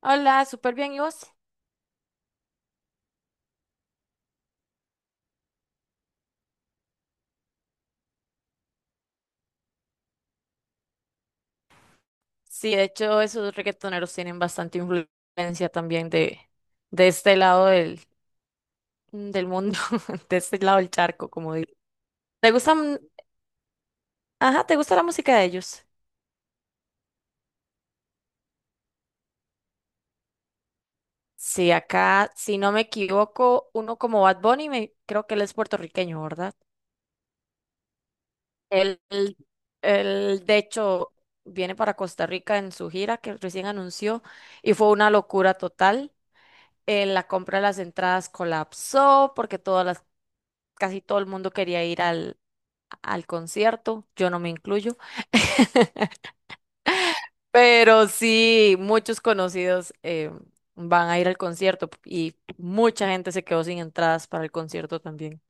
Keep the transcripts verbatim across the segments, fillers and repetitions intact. Hola, súper bien, ¿y vos? Sí, de hecho, esos reggaetoneros tienen bastante influencia también de, de este lado del, del mundo, de este lado del charco, como digo. ¿Te gustan, ajá, te gusta la música de ellos? Sí, acá, si no me equivoco, uno como Bad Bunny, me, creo que él es puertorriqueño, ¿verdad? Él, él, él, de hecho, viene para Costa Rica en su gira que recién anunció y fue una locura total. Eh, la compra de las entradas colapsó porque todas las casi todo el mundo quería ir al, al concierto, yo no me incluyo. Pero sí, muchos conocidos eh, van a ir al concierto y mucha gente se quedó sin entradas para el concierto también.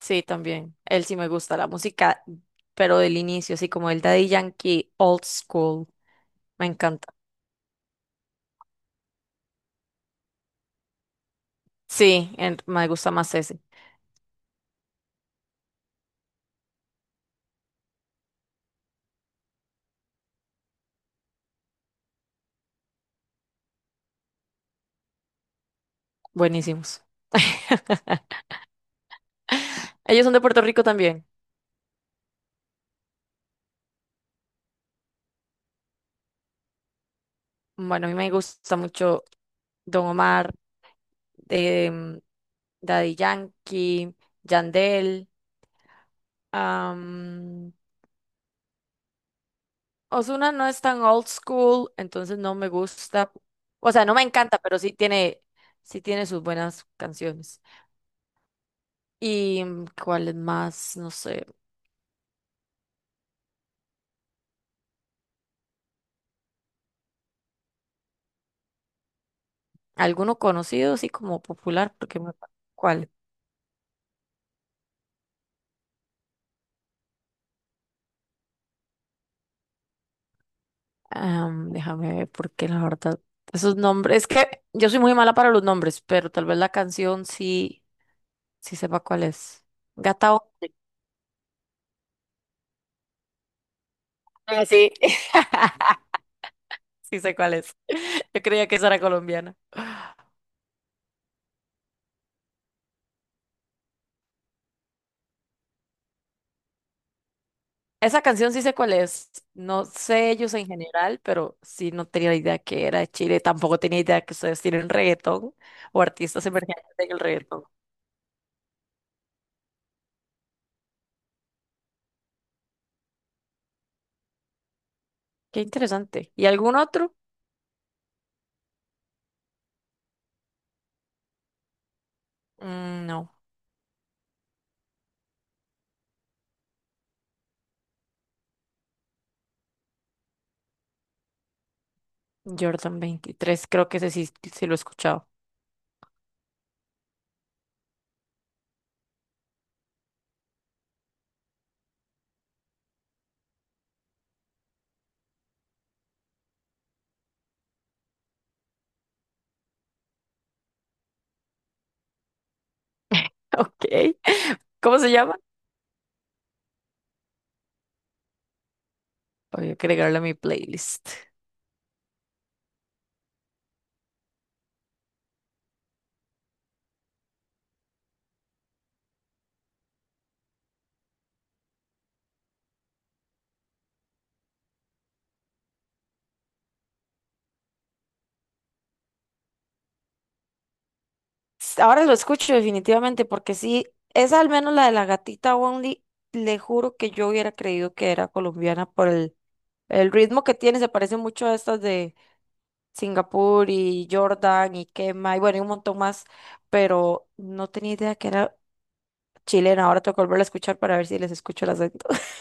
Sí, también. Él sí me gusta la música, pero del inicio, así como el Daddy Yankee Old School, me encanta. Sí, en- me gusta más ese. Buenísimos. Ellos son de Puerto Rico también. Bueno, a mí me gusta mucho Don Omar. de mm, Daddy Yankee, Yandel. am, Ozuna no es tan old school, entonces no me gusta. O sea, no me encanta, pero sí tiene, sí tiene sus buenas canciones. ¿Y mm, cuál es más? No sé. ¿Alguno conocido, así como popular? Porque me- ¿Cuál? Am, déjame ver, porque la verdad, esos nombres, es que yo soy muy mala para los nombres, pero tal vez la canción sí, sí sepa cuál es. Gata. Once. Ah, sí. Sí sé cuál es. Yo creía que esa era colombiana. Esa canción sí sé cuál es. No sé ellos en general, pero sí no tenía idea que era de Chile. Tampoco tenía idea que ustedes tienen reggaetón o artistas emergentes en el reggaetón. Qué interesante. ¿Y algún otro? Mm, no. Jordan veintitrés, creo que ese sí, sí lo he escuchado. Ok. ¿Cómo se llama? Voy a agregarlo a mi playlist. Ahora lo escucho definitivamente porque sí, esa al menos la de la gatita Only, le juro que yo hubiera creído que era colombiana por el, el ritmo que tiene, se parece mucho a estas de Singapur y Jordan y Kema y bueno, y un montón más, pero no tenía idea que era chilena. Ahora tengo que volverla a escuchar para ver si les escucho el acento.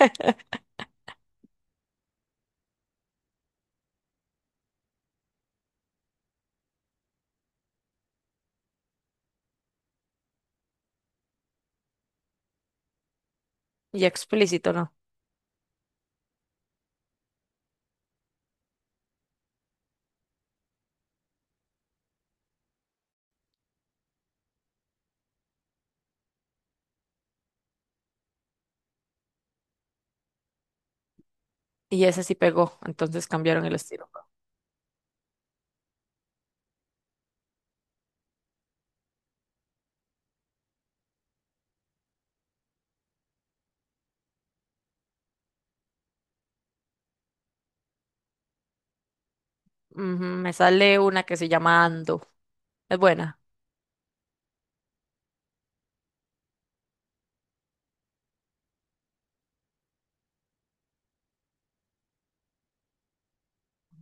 Y explícito, ¿no? Y ese sí pegó, entonces cambiaron el estilo. Ujú, me sale una que se llama Ando, es buena.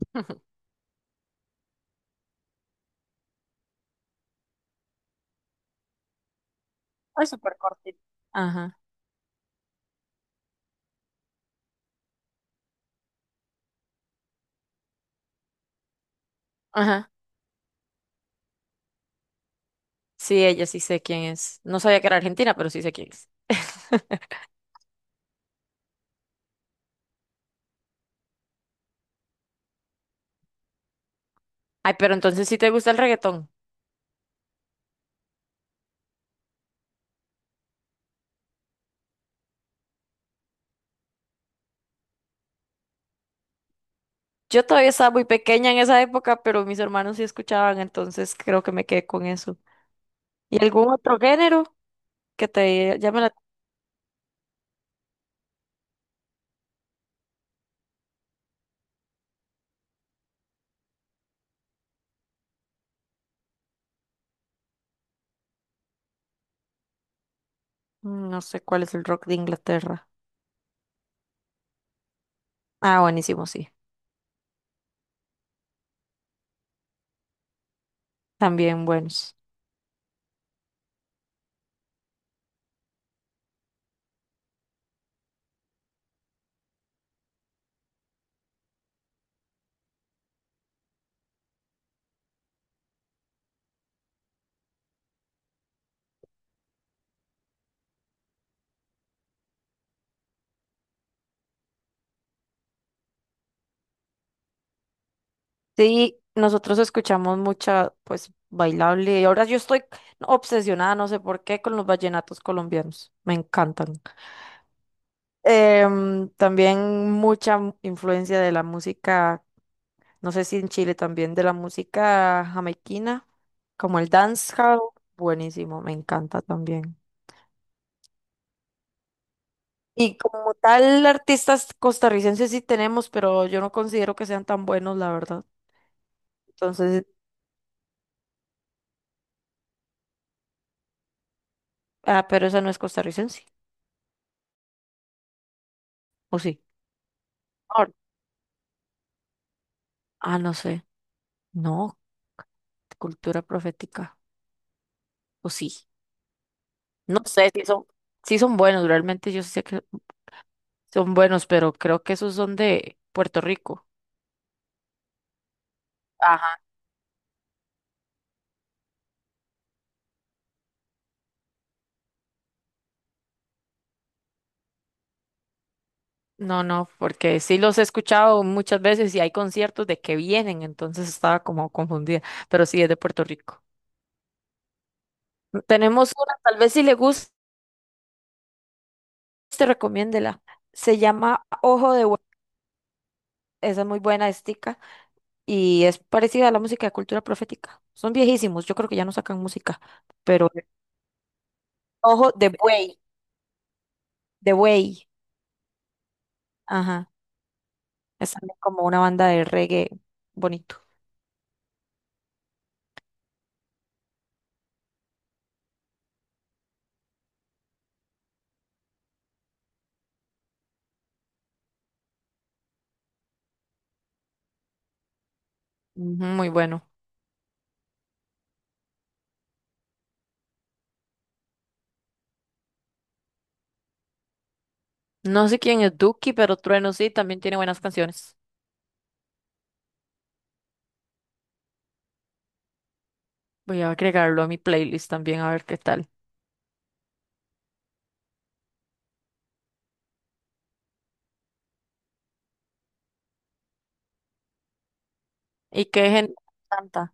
Es súper cortita. Ajá, ajá. Sí, ella sí sé quién es. No sabía que era argentina, pero sí sé quién es. Ay, pero entonces sí te gusta el reggaetón. Yo todavía estaba muy pequeña en esa época, pero mis hermanos sí escuchaban, entonces creo que me quedé con eso. ¿Y algún otro género que te llame la... Mm, No sé cuál es el rock de Inglaterra. Ah, buenísimo, sí. También buenos. Sí, nosotros escuchamos mucha, pues, bailable. Y ahora yo estoy obsesionada, no sé por qué, con los vallenatos colombianos. Me encantan. Em, también mucha mu- influencia de la música, no sé si en Chile también, de la música jamaiquina, como el dancehall, buenísimo, me encanta también. Y como tal, artistas costarricenses sí tenemos, pero yo no considero que sean tan buenos, la verdad. Entonces, ah, pero esa no es costarricense, ¿o sí? Ahora- Ah, no sé. No, cultura profética, ¿o sí? No sé si son, si son buenos, realmente yo sí sé que son buenos, pero creo que esos son de Puerto Rico. Ajá. No, no, porque sí los he escuchado muchas veces y hay conciertos de que vienen, entonces estaba como confundida, pero sí es de Puerto Rico. Tenemos una, tal vez si le gusta, te recomiéndela. Se llama Ojo de Hue- esa es muy buena estica y es parecida a la música de cultura profética. Son viejísimos, yo creo que ya no sacan música, pero Ojo de Buey, de Buey, ajá, es también como una banda de reggae bonito. Ujú, muy bueno. No sé quién es Duki, pero Trueno sí, también tiene buenas canciones. Voy a agregarlo a mi playlist también a ver qué tal. ¿Y qué gente canta?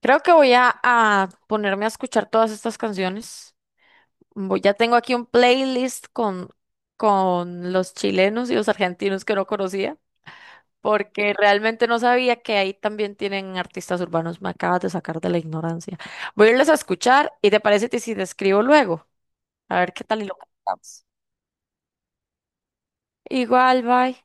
Creo que voy a, a ponerme a escuchar todas estas canciones. Voy- ya tengo aquí un playlist con, con los chilenos y los argentinos que no conocía, porque realmente no sabía que ahí también tienen artistas urbanos. Me acabas de sacar de la ignorancia. Voy a irles a escuchar y te parece que si te escribo luego, a ver qué tal y lo cantamos. Igual, bye.